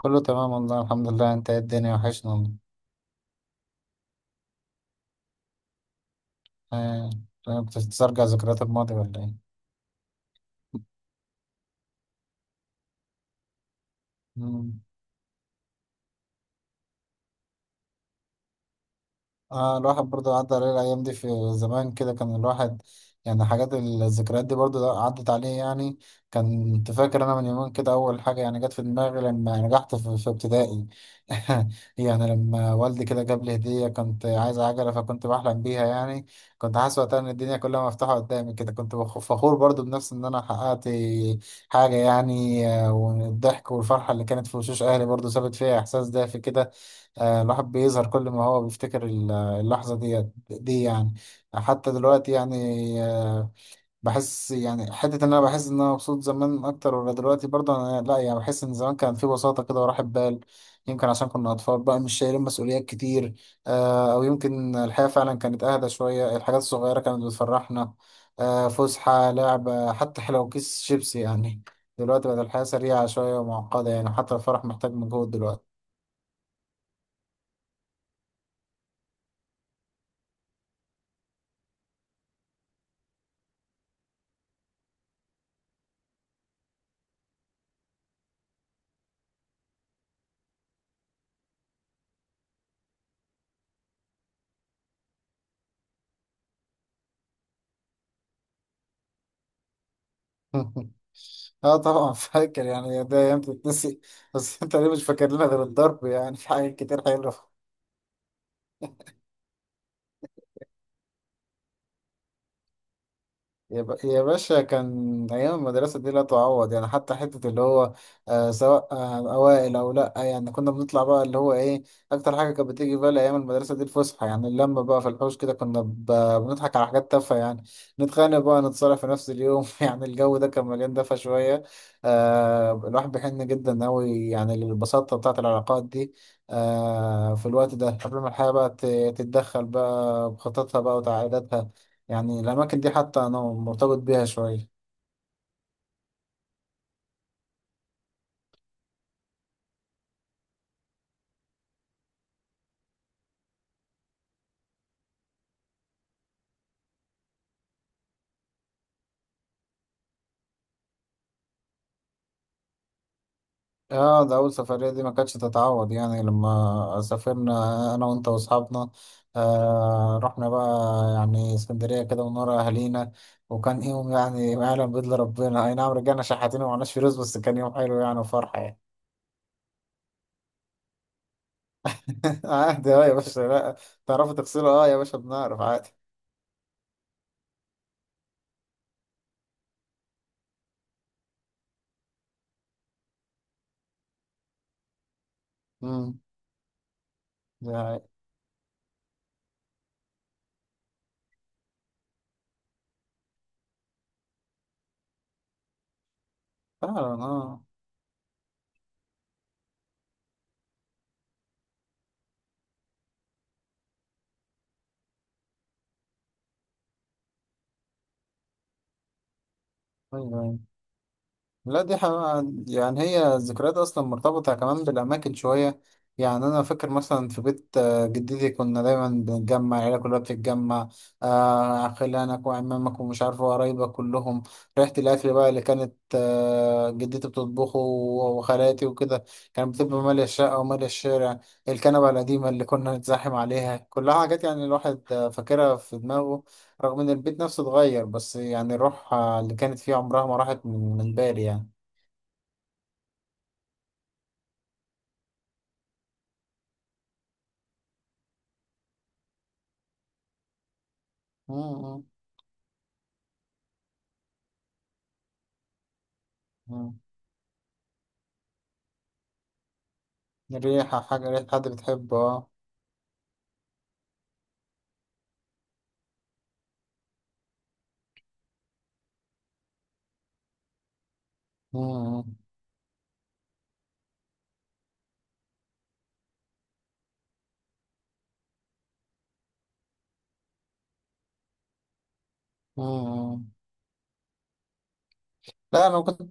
كله تمام والله، الحمد لله. انت ايه؟ الدنيا وحشنا والله. آه، بتسترجع ذكريات الماضي ولا ايه؟ مم. الواحد برضه عدى عليه الأيام دي في زمان كده. كان الواحد يعني حاجات الذكريات دي برضه عدت عليه، يعني كنت فاكر أنا من يومين كده. أول حاجة يعني جت في دماغي لما نجحت في ابتدائي. يعني لما والدي كده جاب لي هدية، كنت عايز عجلة فكنت بحلم بيها يعني. كنت حاسس وقتها إن الدنيا كلها مفتوحة قدامي كده، كنت فخور برضه بنفسي إن أنا حققت حاجة يعني. والضحك والفرحة اللي كانت في وشوش أهلي برضه سابت فيها إحساس دافي كده. الواحد بيظهر كل ما هو بيفتكر اللحظة دي يعني. حتى دلوقتي يعني بحس يعني حتة إن أنا بحس إن أنا مبسوط زمان أكتر ولا دلوقتي، برضه أنا لأ يعني. بحس إن زمان كان في بساطة كده وراحة بال. يمكن عشان كنا أطفال بقى، مش شايلين مسؤوليات كتير. أو يمكن الحياة فعلا كانت أهدى شوية، الحاجات الصغيرة كانت بتفرحنا. فسحة، لعبة، حتى لو كيس شيبسي يعني. دلوقتي بقت الحياة سريعة شوية ومعقدة، يعني حتى الفرح محتاج مجهود دلوقتي. اه طبعا فاكر، يعني ده ايام تتنسي. بس انت ليه مش فاكر لنا غير الضرب؟ يعني في حاجات كتير حلوه. يا باشا، كان أيام المدرسة دي لا تعوض يعني، حتى حتة اللي هو سواء أوائل أو لأ، يعني كنا بنطلع بقى اللي هو إيه. أكتر حاجة كانت بتيجي في بالي أيام المدرسة دي الفسحة، يعني اللمة بقى في الحوش كده، كنا بنضحك على حاجات تافهة يعني. نتخانق بقى، نتصالح في نفس اليوم. يعني الجو ده كان مليان دفا شوية. الواحد بيحن جدا أوي يعني للبساطة بتاعة العلاقات دي. في الوقت ده، قبل ما الحياة بقى تتدخل بقى بخططها بقى وتعقيداتها. يعني الأماكن دي حتى أنا مرتبط بيها شوية. اه، ده أول سفرية دي ما كانتش تتعوض، يعني لما سافرنا أنا وأنت وأصحابنا. رحنا بقى يعني اسكندرية كده من ورا أهالينا. وكان يوم يعني ما يعلم بإلا ربنا، أي نعم رجعنا شحاتين ومعناش فلوس، بس كان يوم حلو يعني وفرحة يعني. عادي، اه يا باشا. لا، تعرفوا تغسلوا؟ اه يا باشا، بنعرف عادي. امم. ده حقيقي. فعلا. اه. أيوه، أيوه. لا دي حقيقة، يعني هي الذكريات أصلا مرتبطة كمان بالأماكن شوية. يعني أنا فاكر مثلا في بيت جدتي كنا دايما بنتجمع، العيلة كلها بتتجمع، خلانك وعمامك ومش عارف وقرايبك كلهم. ريحة الأكل بقى اللي كانت جدتي بتطبخه وخالاتي وكده، كانت بتبقى مالية الشقة ومالية الشارع. الكنبة القديمة اللي كنا نتزاحم عليها، كلها حاجات يعني الواحد فاكرها في دماغه. رغم إن البيت نفسه اتغير، بس يعني الروح اللي كانت فيه عمرها ما راحت من بالي يعني. مم. مم. ريحة حاجة، ريحة حد بتحبه، اه. مم. مم. لا، أنا كنت.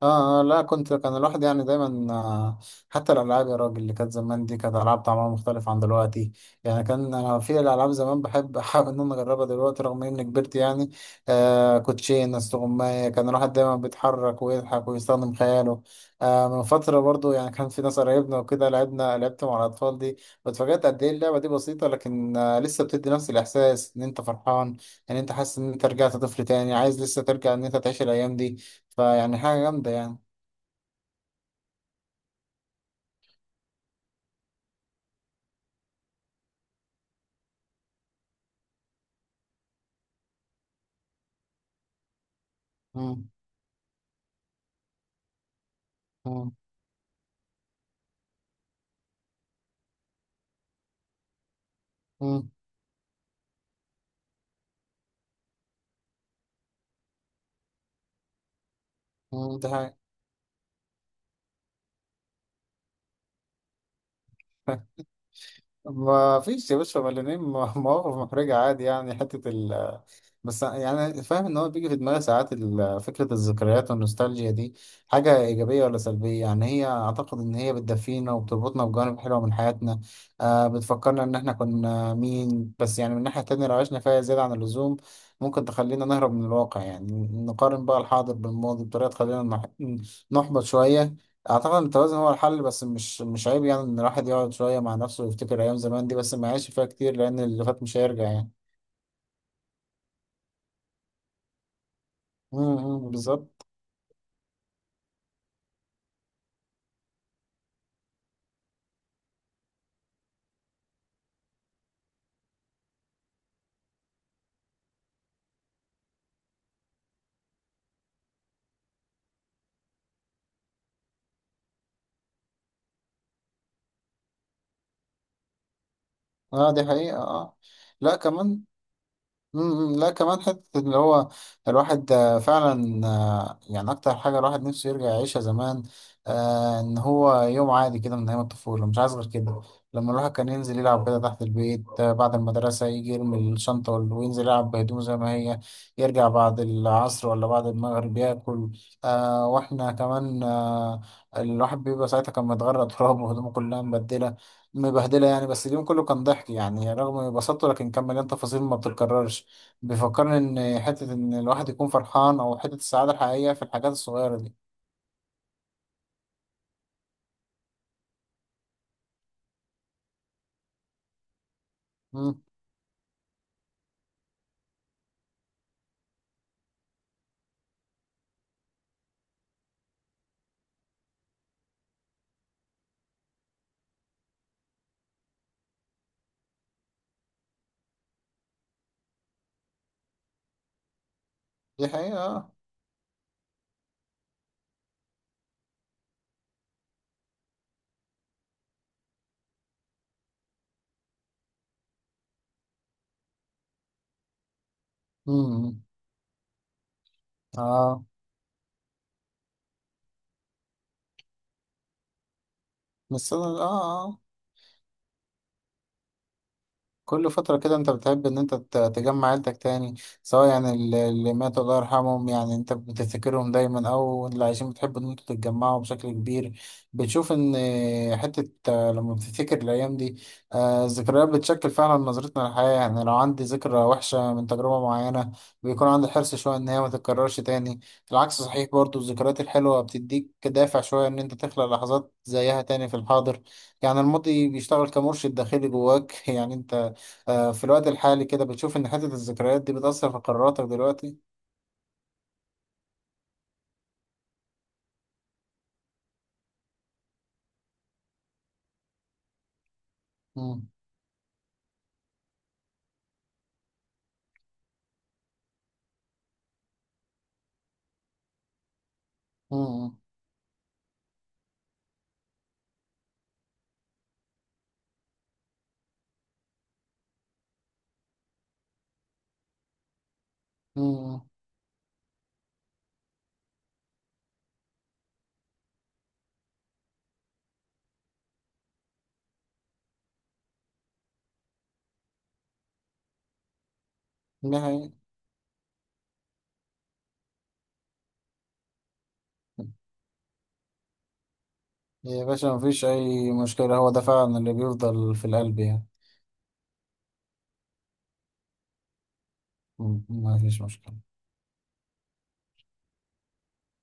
اه، اه، لا كنت. كان الواحد يعني دايما حتى الالعاب يا راجل اللي كانت زمان دي كانت العاب طعمها مختلف عن دلوقتي. يعني كان انا في الالعاب زمان بحب احاول ان انا اجربها دلوقتي رغم اني كبرت يعني. كوتشين، استغماية، كان الواحد دايما بيتحرك ويضحك ويستخدم خياله. من فترة برضو يعني كان في ناس قرايبنا وكده، لعبنا، لعبت مع الاطفال دي، واتفاجأت قد ايه اللعبة دي بسيطة، لكن لسه بتدي نفس الاحساس ان انت فرحان، ان انت حاسس ان انت رجعت طفل تاني عايز لسه ترجع، ان انت تعيش الايام دي. فيعني حاجة جامدة يعني. مم. مم. مم. مم. ده حاجة. ما فيش يا باشا، مليانين مواقف محرجة عادي، يعني حتة ال. بس يعني فاهم إن هو بيجي في دماغي ساعات فكرة الذكريات والنوستالجيا دي، حاجة إيجابية ولا سلبية؟ يعني هي أعتقد إن هي بتدفينا وبتربطنا بجوانب حلوة من حياتنا. بتفكرنا إن إحنا كنا مين، بس يعني من ناحية تانية لو عشنا فيها زيادة عن اللزوم ممكن تخلينا نهرب من الواقع، يعني نقارن بقى الحاضر بالماضي بطريقة تخلينا نحبط شوية. اعتقد ان التوازن هو الحل، بس مش عيب يعني ان الواحد يقعد شويه مع نفسه ويفتكر ايام زمان دي، بس ما يعيش فيها كتير لان اللي فات مش هيرجع يعني. امم، بالظبط. اه، دي حقيقه، اه. لا كمان. لا كمان حتة اللي هو الواحد فعلا يعني أكتر حاجة الواحد نفسه يرجع يعيشها زمان، إن هو يوم عادي كده من أيام الطفولة، مش عايز غير كده. لما الواحد كان ينزل يلعب كده تحت البيت بعد المدرسة يجي يرمي الشنطة وينزل يلعب بهدومه زي ما هي، يرجع بعد العصر ولا بعد المغرب ياكل. وإحنا كمان الواحد بيبقى ساعتها كان متغرق تراب، وهدومه كلها مبدلة، مبهدلة يعني. بس اليوم كله كان ضحك، يعني رغم بساطته لكن كان مليان تفاصيل ما بتتكررش. بيفكرني ان حته ان الواحد يكون فرحان، او حته السعاده الحقيقيه في الحاجات الصغيره دي. امم. دي حقيقه، اه. امم. اه. بس اه. آه. كل فترة كده انت بتحب ان انت تجمع عيلتك تاني، سواء يعني اللي ماتوا الله يرحمهم، يعني انت بتفتكرهم دايما، او اللي عايشين بتحب ان انتوا تتجمعوا بشكل كبير. بتشوف ان حتة لما بتفتكر الايام دي الذكريات بتشكل فعلا نظرتنا للحياة. يعني لو عندي ذكرى وحشة من تجربة معينة، بيكون عندي حرص شوية ان هي ما تتكررش تاني. العكس صحيح برضو، الذكريات الحلوة بتديك دافع شوية ان انت تخلق لحظات زيها تاني في الحاضر. يعني الماضي بيشتغل كمرشد داخلي جواك. يعني انت في الوقت الحالي كده بتشوف إن حتة الذكريات دي بتأثر في قراراتك دلوقتي؟ مم. مم. مم. ده حقيقي. يا باشا مفيش أي مشكلة، هو ده فعلا اللي بيفضل في القلب يعني. مم. مفيش مشكلة.